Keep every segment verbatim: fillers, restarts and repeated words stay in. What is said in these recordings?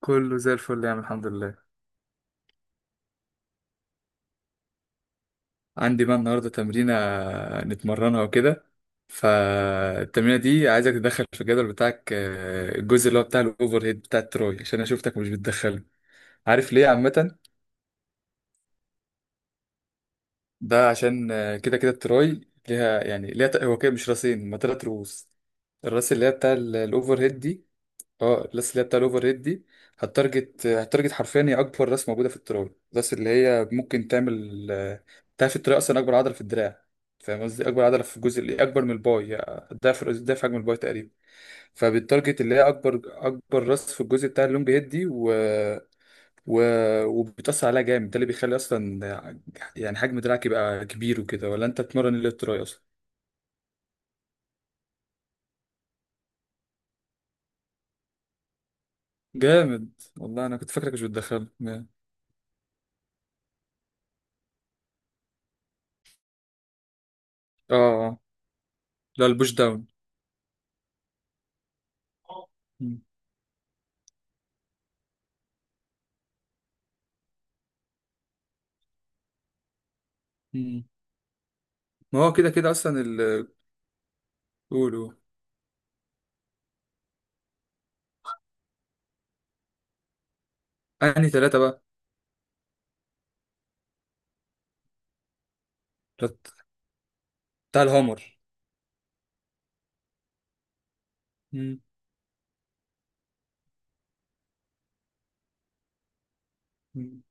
كله زي الفل يا عم، الحمد لله. عندي بقى النهارده تمرينة نتمرنها وكده. فالتمرينة دي عايزك تدخل في الجدول بتاعك، آه، الجزء اللي هو بتاع الاوفر هيد بتاع التراي، عشان انا شفتك مش بتدخله. عارف ليه عامة؟ ده عشان آه، كده كده التراي ليها، يعني ليها ت- هو كده مش راسين، هما تلات رؤوس. الراس اللي هي بتاع ال- الاوفر هيد دي. اه الراس اللي هي بتاع الاوفر ريت دي هتارجت هتارجت حرفيا. هي اكبر راس موجوده في التراب، الراس اللي هي ممكن تعمل. تعرف التراب اصلا اكبر عضله في الدراع؟ فاهم قصدي، اكبر عضله في الجزء اللي اكبر من الباي، يعني ضعف ضعف حجم الباي تقريبا. فبالتارجت اللي هي اكبر اكبر راس في الجزء بتاع اللونج هيد دي، و... و... وبتأثر عليها جامد. ده اللي بيخلي اصلا يعني حجم دراعك يبقى كبير وكده. ولا انت بتمرن اللي تراي اصلا؟ جامد. والله انا كنت فاكرك مش بتدخل، اه. آه. لا، البوش داون. مم. ما هو كده كده اصلا ال قولوا. انهي ثلاثة بقى؟ بت- بتاع الهامر. مم. مم.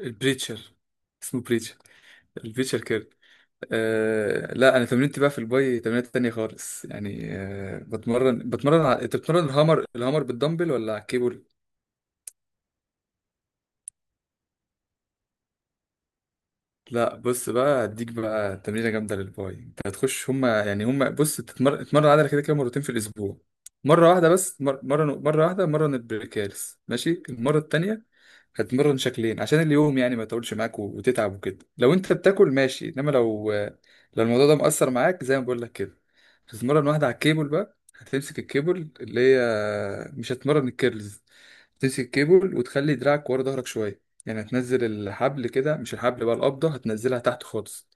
البريتشر. اسمه بريتشر، البريتشر كيرل. آه لا، انا تمرينتي بقى في الباي تمرينات تانية خالص، يعني آه بتمرن بتمرن ع... انت بتمرن الهامر، الهامر بالدمبل ولا على الكيبل؟ لا، بص بقى هديك بقى تمرينة جامدة للباي. انت هتخش، هما يعني هما بص، تتمر... تتمرن عضلة كده كده مرتين في الاسبوع. مرة واحدة بس مر... مرة مرة واحدة، مرة البريكالس ماشي، المرة التانية هتمرن شكلين، عشان اليوم يعني ما يطولش معاك و- وتتعب وكده، لو انت بتاكل ماشي، انما لو لو الموضوع ده مأثر معاك زي ما بقول لك كده، هتتمرن واحدة على الكيبل بقى. هتمسك الكيبل اللي هي، مش هتمرن الكيرلز. هتمسك الكيبل وتخلي دراعك ورا ظهرك شوية، يعني هتنزل الحبل كده، مش الحبل بقى، القبضة هتنزلها تحت خالص.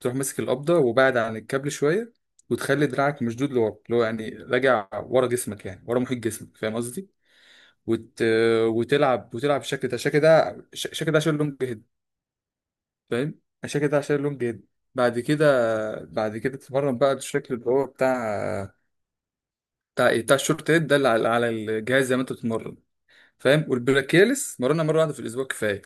تروح ماسك القبضة وبعد عن الكابل شوية، وتخلي دراعك مشدود لورا، اللي هو يعني راجع ورا جسمك، يعني ورا محيط جسمك. فاهم قصدي؟ وت... وتلعب وتلعب الشكل ده الشكل ده الش- الشكل ده عشان اللونج هيد. فاهم الشكل ده عشان اللونج هيد. بعد كده، بعد كده تتمرن بقى الشكل اللي هو بتاع، بتاع ايه بتاع الشورت هيد ده، اللي على على الجهاز زي ما انت بتتمرن. فاهم؟ والبلاكيلس مرنا مره واحده في الاسبوع كفايه.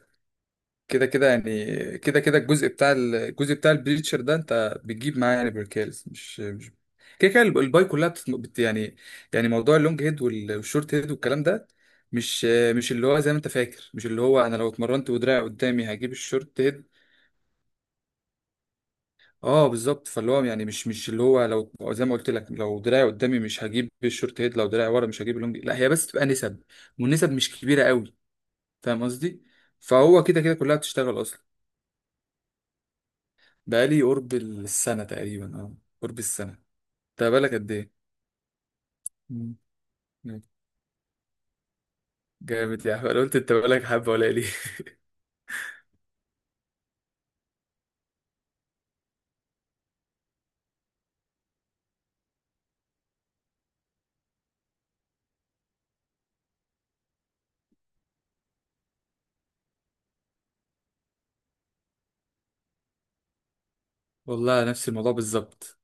كده كده يعني، كده كده الجزء بتاع ال- الجزء بتاع البليتشر ده انت بتجيب معاه يعني بركالز، مش مش كده كده الب- الباي كلها بتت... بت... يعني، يعني موضوع اللونج هيد وال- والشورت هيد والكلام ده، مش مش اللي هو زي ما انت فاكر، مش اللي هو انا لو اتمرنت ودراعي قدامي هجيب الشورت هيد. اه بالظبط. فاللي هو يعني مش مش اللي هو، لو زي ما قلت لك، لو دراعي قدامي مش هجيب الشورت هيد، لو دراعي ورا مش هجيب اللونج. لا، هي بس تبقى نسب، والنسب مش كبيرة قوي. فاهم قصدي؟ فهو كده كده كلها بتشتغل اصلا. بقالي قرب السنة تقريبا، اه. قرب السنة. انت بقالك قد ايه؟ مم. جامد يا احمد. أنا قلت انت بقالك حبة ولا ليه؟ والله نفس الموضوع بالظبط.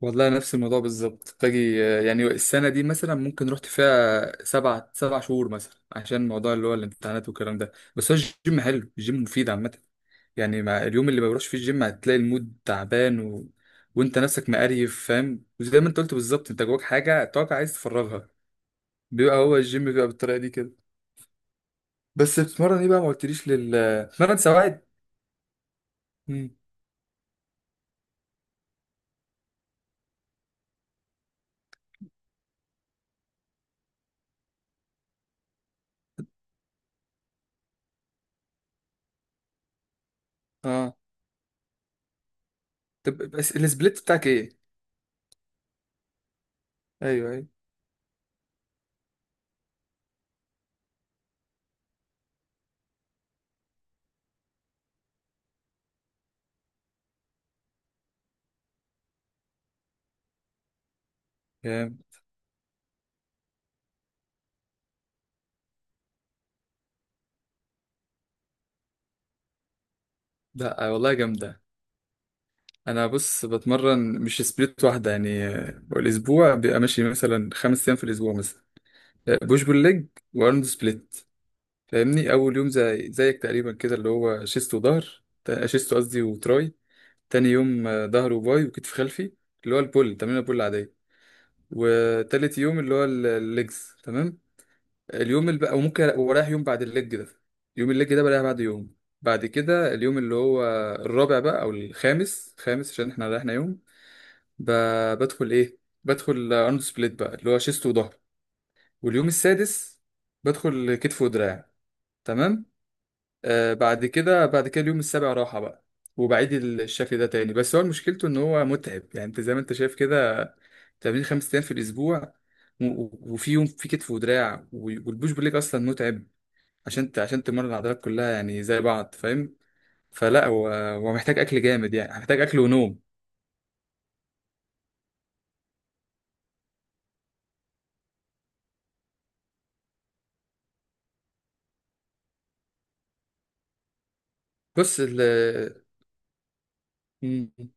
والله نفس الموضوع بالظبط باجي، آه، يعني السنة دي مثلا ممكن رحت فيها سبع سبع شهور مثلا، عشان موضوع اللي هو الامتحانات والكلام ده. بس هو الجيم حلو، الجيم مفيد عامة. يعني مع اليوم اللي ما بروحش فيه الجيم، هتلاقي المود تعبان و... وانت نفسك مقريف، فاهم؟ وزي ما انت قلت بالظبط، انت جواك حاجة، طاقة عايز تفرغها. بيبقى هو الجيم بيبقى بالطريقة دي كده. بس بتتمرن ايه بقى؟ ما قلتليش، لل بتتمرن سواعد؟ امم اه، طب بس السبليت بتاعك ايه؟ ايوه، ايوه. جامد. لا والله جامده. انا بص بتمرن مش سبليت واحده، يعني آه، الاسبوع بيبقى ماشي مثلا خمس ايام في الاسبوع مثلا. آه، بوش بول ليج وارنولد سبليت. فاهمني؟ اول يوم زي زيك تقريبا كده، اللي هو شيست وظهر، تا- شيست قصدي وتراي. تاني يوم آه، ظهر وباي وكتف خلفي، اللي هو البول، تمرين البول العاديه. وتالت يوم اللي هو ال- الليجز، تمام. اليوم اللي بقى، وممكن ورايح يوم بعد الليج ده، يوم الليج ده بريح بعد يوم. بعد كده اليوم اللي هو الرابع بقى او الخامس، خامس عشان احنا ريحنا يوم. ب... بدخل ايه؟ بدخل ارنولد سبليت بقى، اللي هو شيست وظهر. واليوم السادس بدخل كتف ودراع، تمام. آه بعد كده، بعد كده اليوم السابع راحة بقى، وبعيد الشكل ده تاني. بس هو مشكلته ان هو متعب، يعني انت زي ما انت شايف كده، تمرين خمس ايام في الاسبوع، و- و- وفي يوم في كتف ودراع و- والبوش بول ليج اصلا متعب، عشان ت- عشان تمرن عضلات كلها يعني زي بعض، فاهم؟ فلا، هو هو محتاج اكل جامد، يعني محتاج اكل ونوم. بص ال مم.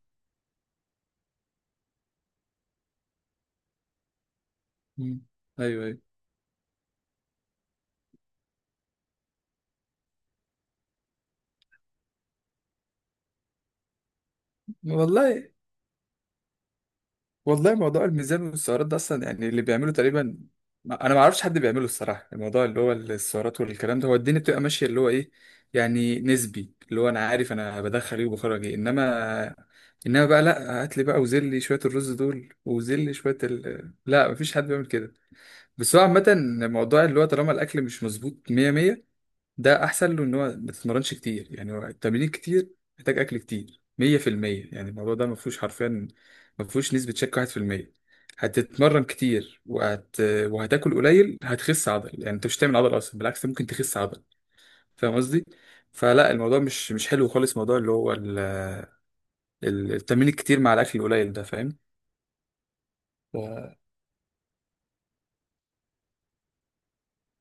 مم. ايوه، ايوه. والله، والله موضوع الميزان والسعرات ده اصلا، يعني اللي بيعمله تقريبا، ما- انا ما اعرفش حد بيعمله الصراحه. الموضوع اللي هو السعرات والكلام ده، هو الدنيا بتبقى ماشيه اللي هو ايه، يعني نسبي، اللي هو انا عارف انا بدخل ايه وبخرج ايه. انما انما بقى لا، هات لي بقى وزل لي شويه الرز دول وزل لي شويه ال... لا، مفيش حد بيعمل كده. بس هو عامة الموضوع اللي هو، طالما الأكل مش مظبوط مية مية، ده أحسن له إن هو ما تتمرنش كتير. يعني هو التمرين كتير محتاج أكل كتير مية في المية، يعني الموضوع ده مفهوش حرفيا، مفهوش نسبة شك واحد في المية. هتتمرن كتير وهت... وهتاكل قليل، هتخس عضل. يعني أنت مش هتعمل عضل أصلا، بالعكس ممكن تخس عضل. فاهم قصدي؟ فلا، الموضوع مش مش حلو خالص، موضوع اللي هو ال... ال- التمرين الكتير مع الأكل القليل ده، فاهم؟ ف...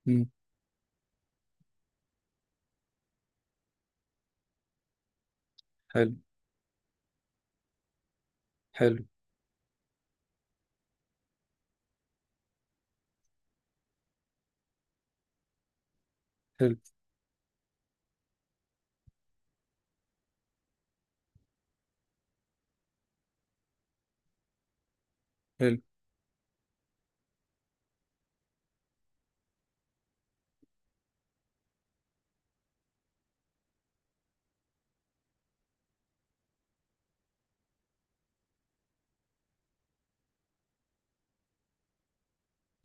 مم. حلو. حلو. حلو. حلو.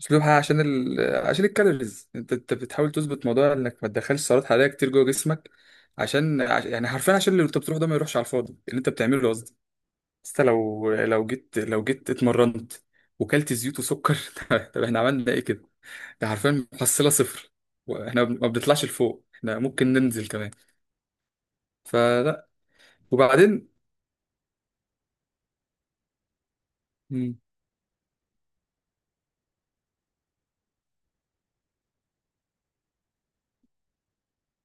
اسلوبها عشان ال... عشان الكالوريز، انت انت بتحاول تظبط موضوع انك ما تدخلش سعرات حراريه كتير جوه جسمك، عشان عش- يعني حرفيا، عشان اللي انت بتروح ده ما يروحش على الفاضي، اللي انت بتعمله ده قصدي. بس انت لو لو جيت لو جيت اتمرنت وكلت زيوت وسكر، طب احنا عملنا ايه كده؟ ده حرفيا محصله صفر. واحنا ما بنطلعش لفوق، احنا ممكن ننزل كمان. فلا، وبعدين.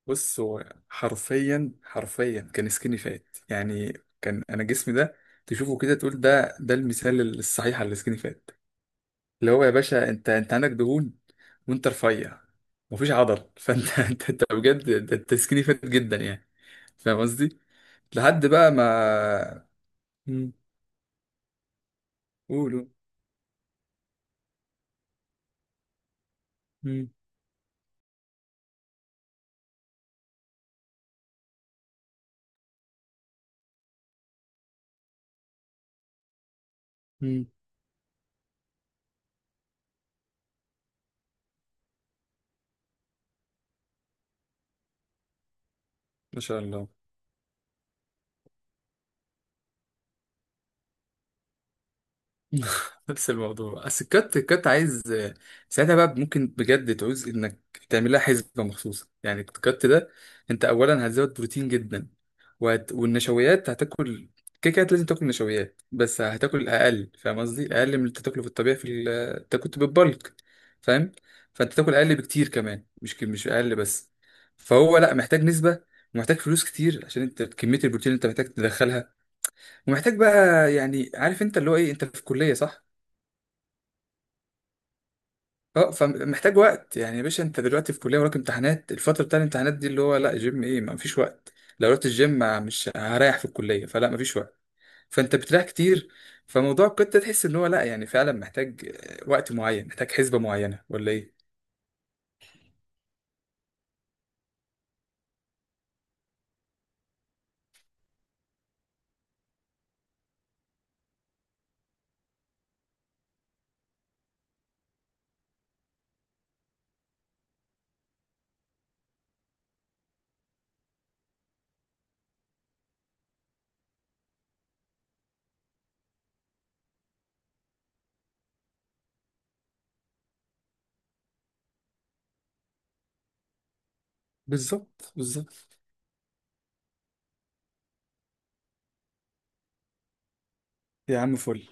بص، هو حرفيا، حرفيا كان سكيني فات يعني. كان انا جسمي ده، تشوفه كده تقول ده، ده المثال الصحيح على السكيني فات، اللي هو يا باشا انت، انت عندك دهون وانت رفيع، مفيش عضل، فانت انت، انت بجد انت، أنت سكيني فات جدا يعني. فاهم قصدي؟ لحد بقى ما. مم. قولوا. مم. مم. ما شاء الله. نفس الموضوع. بس الكات، الكات عايز. ساعتها بقى ممكن بجد تعوز انك تعمل لها حسبه مخصوصه، يعني الكات ده انت اولا هتزود بروتين جدا، وهت... والنشويات هتاكل كده كده. لازم تاكل نشويات بس هتاكل اقل. فاهم قصدي؟ اقل من اللي انت تاكله في الطبيعي، في ال... انت كنت بالبلك، فاهم؟ فانت تاكل اقل بكتير كمان، مش ك- مش اقل بس. فهو لا، محتاج نسبه، ومحتاج فلوس كتير، عشان انت كميه البروتين اللي انت محتاج تدخلها. ومحتاج بقى يعني، عارف انت اللي هو ايه؟ انت في كليه صح؟ اه، فمحتاج وقت. يعني يا باشا انت دلوقتي في كليه، وراك امتحانات، الفتره بتاع الامتحانات دي اللي هو لا، جيم ايه؟ ما فيش وقت. لو رحت الجيم، ما- مش هريح في الكليه. فلا، ما فيش وقت. فانت بتريح كتير، فموضوع القطه تحس ان هو لا، يعني فعلا محتاج آه، وقت معين، محتاج حسبه معينه، ولا ايه؟ بالظبط، بالظبط. يا عم فل.